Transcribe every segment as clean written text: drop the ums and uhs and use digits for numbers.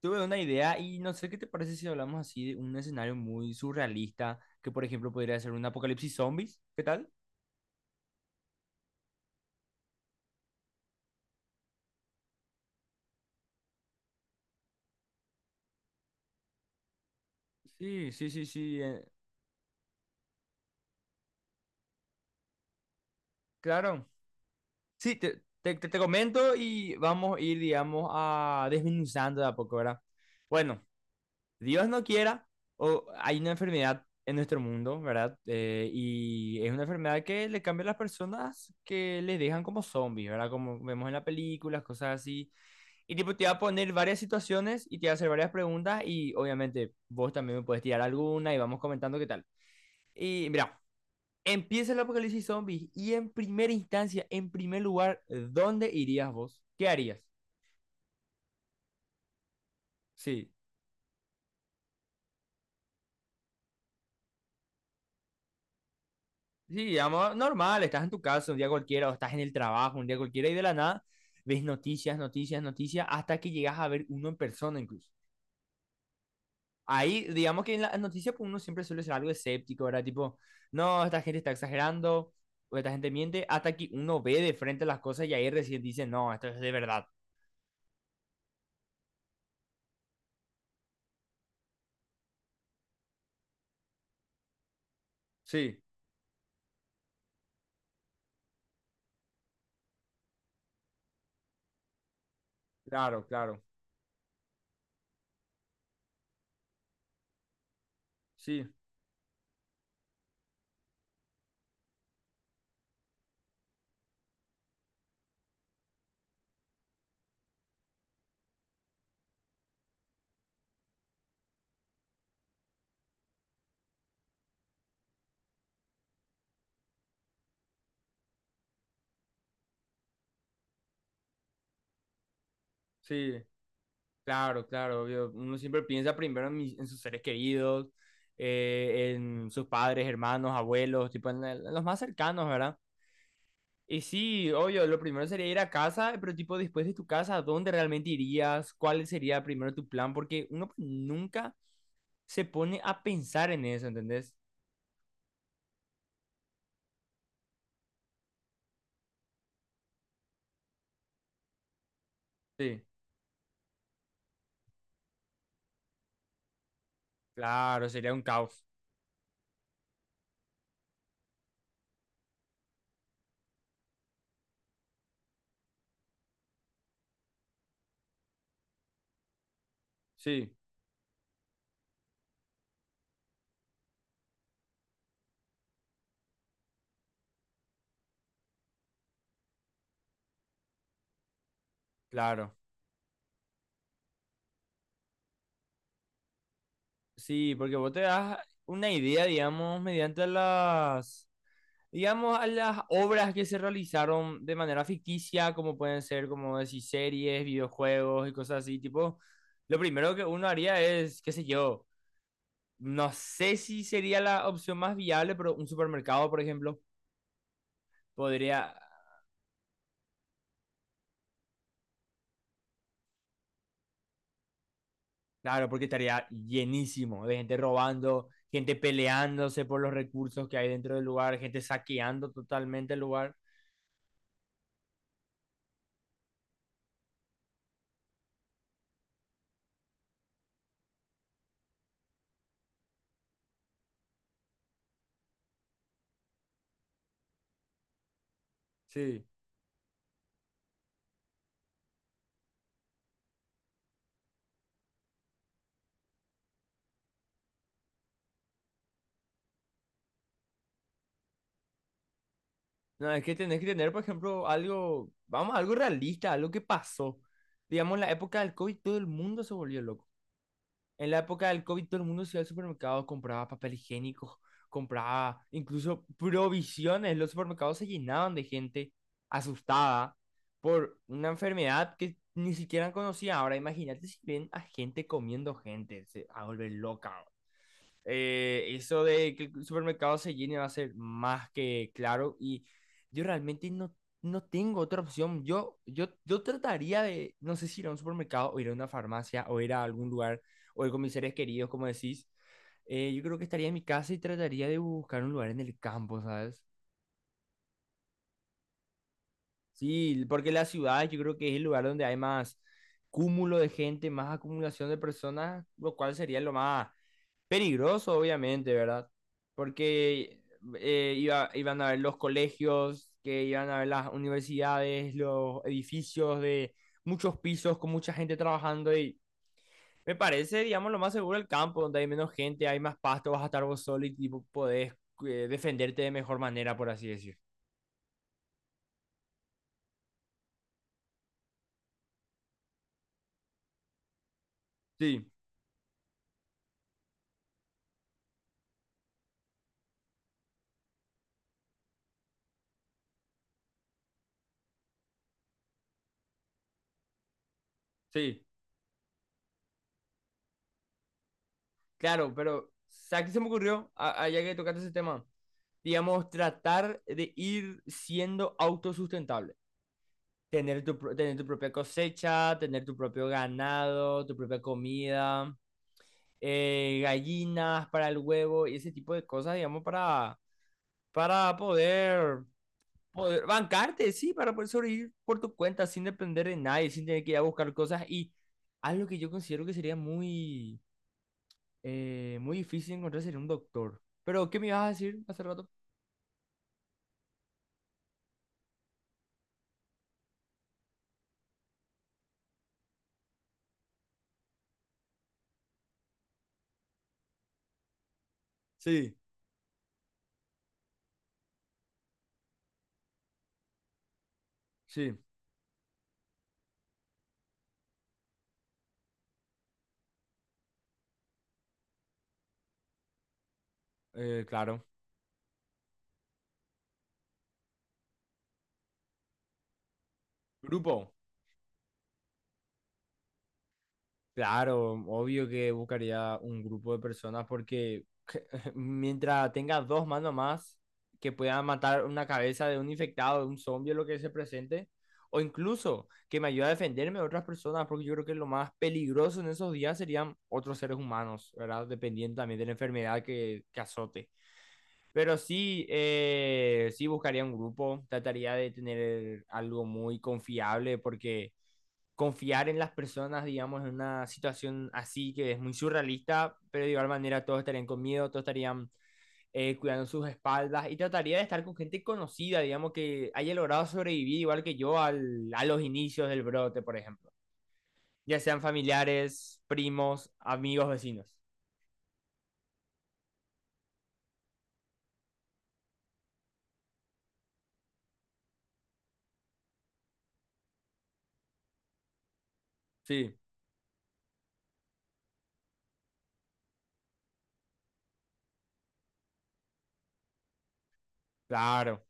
Tuve una idea y no sé qué te parece si hablamos así de un escenario muy surrealista, que por ejemplo podría ser un apocalipsis zombies. ¿Qué tal? Sí, sí, sí, sí. Claro. Sí, te comento y vamos a ir, digamos, a desmenuzando de a poco, ¿verdad? Bueno, Dios no quiera, o hay una enfermedad en nuestro mundo, ¿verdad? Y es una enfermedad que le cambia a las personas que les dejan como zombies, ¿verdad? Como vemos en las películas, cosas así. Y tipo, te va a poner varias situaciones y te va a hacer varias preguntas y obviamente vos también me puedes tirar alguna y vamos comentando qué tal. Y mira, empieza el apocalipsis zombies y en primera instancia, en primer lugar, ¿dónde irías vos? ¿Qué harías? Sí, sí, digamos, normal, estás en tu casa un día cualquiera o estás en el trabajo un día cualquiera y de la nada ves noticias, noticias, noticias hasta que llegas a ver uno en persona incluso. Ahí, digamos que en las noticias pues, uno siempre suele ser algo escéptico, ¿verdad? Tipo, no, esta gente está exagerando, o esta gente miente, hasta que uno ve de frente las cosas y ahí recién dice, no, esto es de verdad. Sí, claro, claro. Sí, sí, claro, claro, obvio. Uno siempre piensa primero en, en sus seres queridos, en sus padres, hermanos, abuelos, tipo en, en los más cercanos, ¿verdad? Y sí, obvio, lo primero sería ir a casa, pero tipo después de tu casa, ¿a dónde realmente irías? ¿Cuál sería primero tu plan? Porque uno pues, nunca se pone a pensar en eso, ¿entendés? Sí, claro, sería un caos. Sí, claro. Sí, porque vos te das una idea, digamos, mediante las, digamos, a las obras que se realizaron de manera ficticia, como pueden ser, como decir, series, videojuegos y cosas así, tipo, lo primero que uno haría es, qué sé yo, no sé si sería la opción más viable, pero un supermercado, por ejemplo, podría, claro, porque estaría llenísimo de gente robando, gente peleándose por los recursos que hay dentro del lugar, gente saqueando totalmente el lugar. Sí. No, es que tenés que tener, por ejemplo, algo, vamos, algo realista, algo que pasó. Digamos, en la época del COVID todo el mundo se volvió loco. En la época del COVID todo el mundo se iba al supermercado, compraba papel higiénico, compraba incluso provisiones. Los supermercados se llenaban de gente asustada por una enfermedad que ni siquiera conocía. Ahora imagínate si ven a gente comiendo gente, se va a volver loca. Eso de que el supermercado se llene va a ser más que claro y yo realmente no, no tengo otra opción. Yo trataría de, no sé si ir a un supermercado o ir a una farmacia o ir a algún lugar o ir con mis seres queridos, como decís. Yo creo que estaría en mi casa y trataría de buscar un lugar en el campo, ¿sabes? Sí, porque la ciudad yo creo que es el lugar donde hay más cúmulo de gente, más acumulación de personas, lo cual sería lo más peligroso, obviamente, ¿verdad? Porque iban a ver los colegios, que iban a ver las universidades, los edificios de muchos pisos con mucha gente trabajando y me parece, digamos, lo más seguro el campo, donde hay menos gente, hay más pasto, vas a estar vos solo y tipo, podés defenderte de mejor manera, por así decir. Sí, sí, claro, pero ¿sabes qué se me ocurrió? Allá que tocaste ese tema, digamos, tratar de ir siendo autosustentable. Tener tu propia cosecha, tener tu propio ganado, tu propia comida, gallinas para el huevo y ese tipo de cosas, digamos, para poder, poder bancarte, sí, para poder sobrevivir por tu cuenta sin depender de nadie, sin tener que ir a buscar cosas. Y algo que yo considero que sería muy, muy difícil encontrar sería un doctor. Pero, ¿qué me ibas a decir hace rato? Sí, sí, claro. Grupo. Claro, obvio que buscaría un grupo de personas porque mientras tenga dos manos más que puedan matar una cabeza de un infectado, de un zombie, lo que se presente, o incluso que me ayude a defenderme de otras personas, porque yo creo que lo más peligroso en esos días serían otros seres humanos, ¿verdad? Dependiendo también de la enfermedad que azote. Pero sí, sí buscaría un grupo, trataría de tener algo muy confiable porque confiar en las personas, digamos, en una situación así que es muy surrealista, pero de igual manera todos estarían con miedo, todos estarían cuidando sus espaldas y trataría de estar con gente conocida, digamos, que haya logrado sobrevivir igual que yo al, a los inicios del brote, por ejemplo. Ya sean familiares, primos, amigos, vecinos. Sí, claro.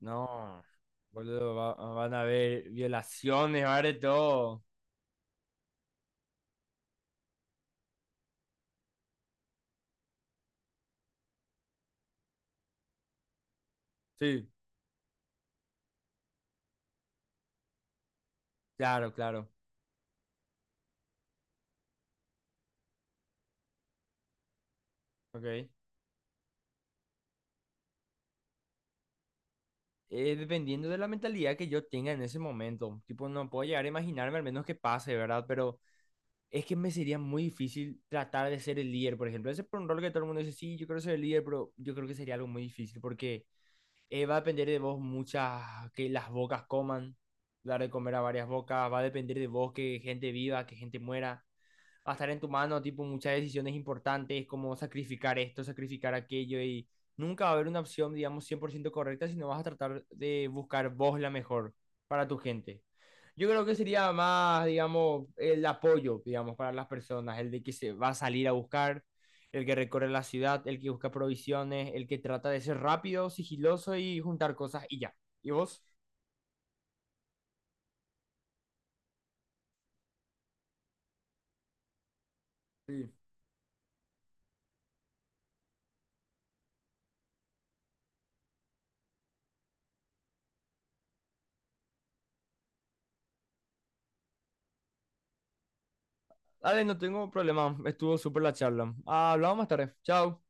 No, boludo, van a haber violaciones, va a haber de todo. Sí, claro, claro. Ok. Dependiendo de la mentalidad que yo tenga en ese momento. Tipo, no puedo llegar a imaginarme al menos que pase, ¿verdad? Pero es que me sería muy difícil tratar de ser el líder, por ejemplo. Ese es por un rol que todo el mundo dice, sí, yo quiero ser el líder, pero yo creo que sería algo muy difícil porque va a depender de vos muchas, que las bocas coman, dar de comer a varias bocas, va a depender de vos que gente viva, que gente muera, va a estar en tu mano, tipo, muchas decisiones importantes, como sacrificar esto, sacrificar aquello, y nunca va a haber una opción, digamos, 100% correcta, sino vas a tratar de buscar vos la mejor para tu gente. Yo creo que sería más, digamos, el apoyo, digamos, para las personas, el de que se va a salir a buscar, el que recorre la ciudad, el que busca provisiones, el que trata de ser rápido, sigiloso y juntar cosas y ya. ¿Y vos? Sí. Dale, no tengo problema, estuvo súper la charla. Hablamos más tarde. Chao.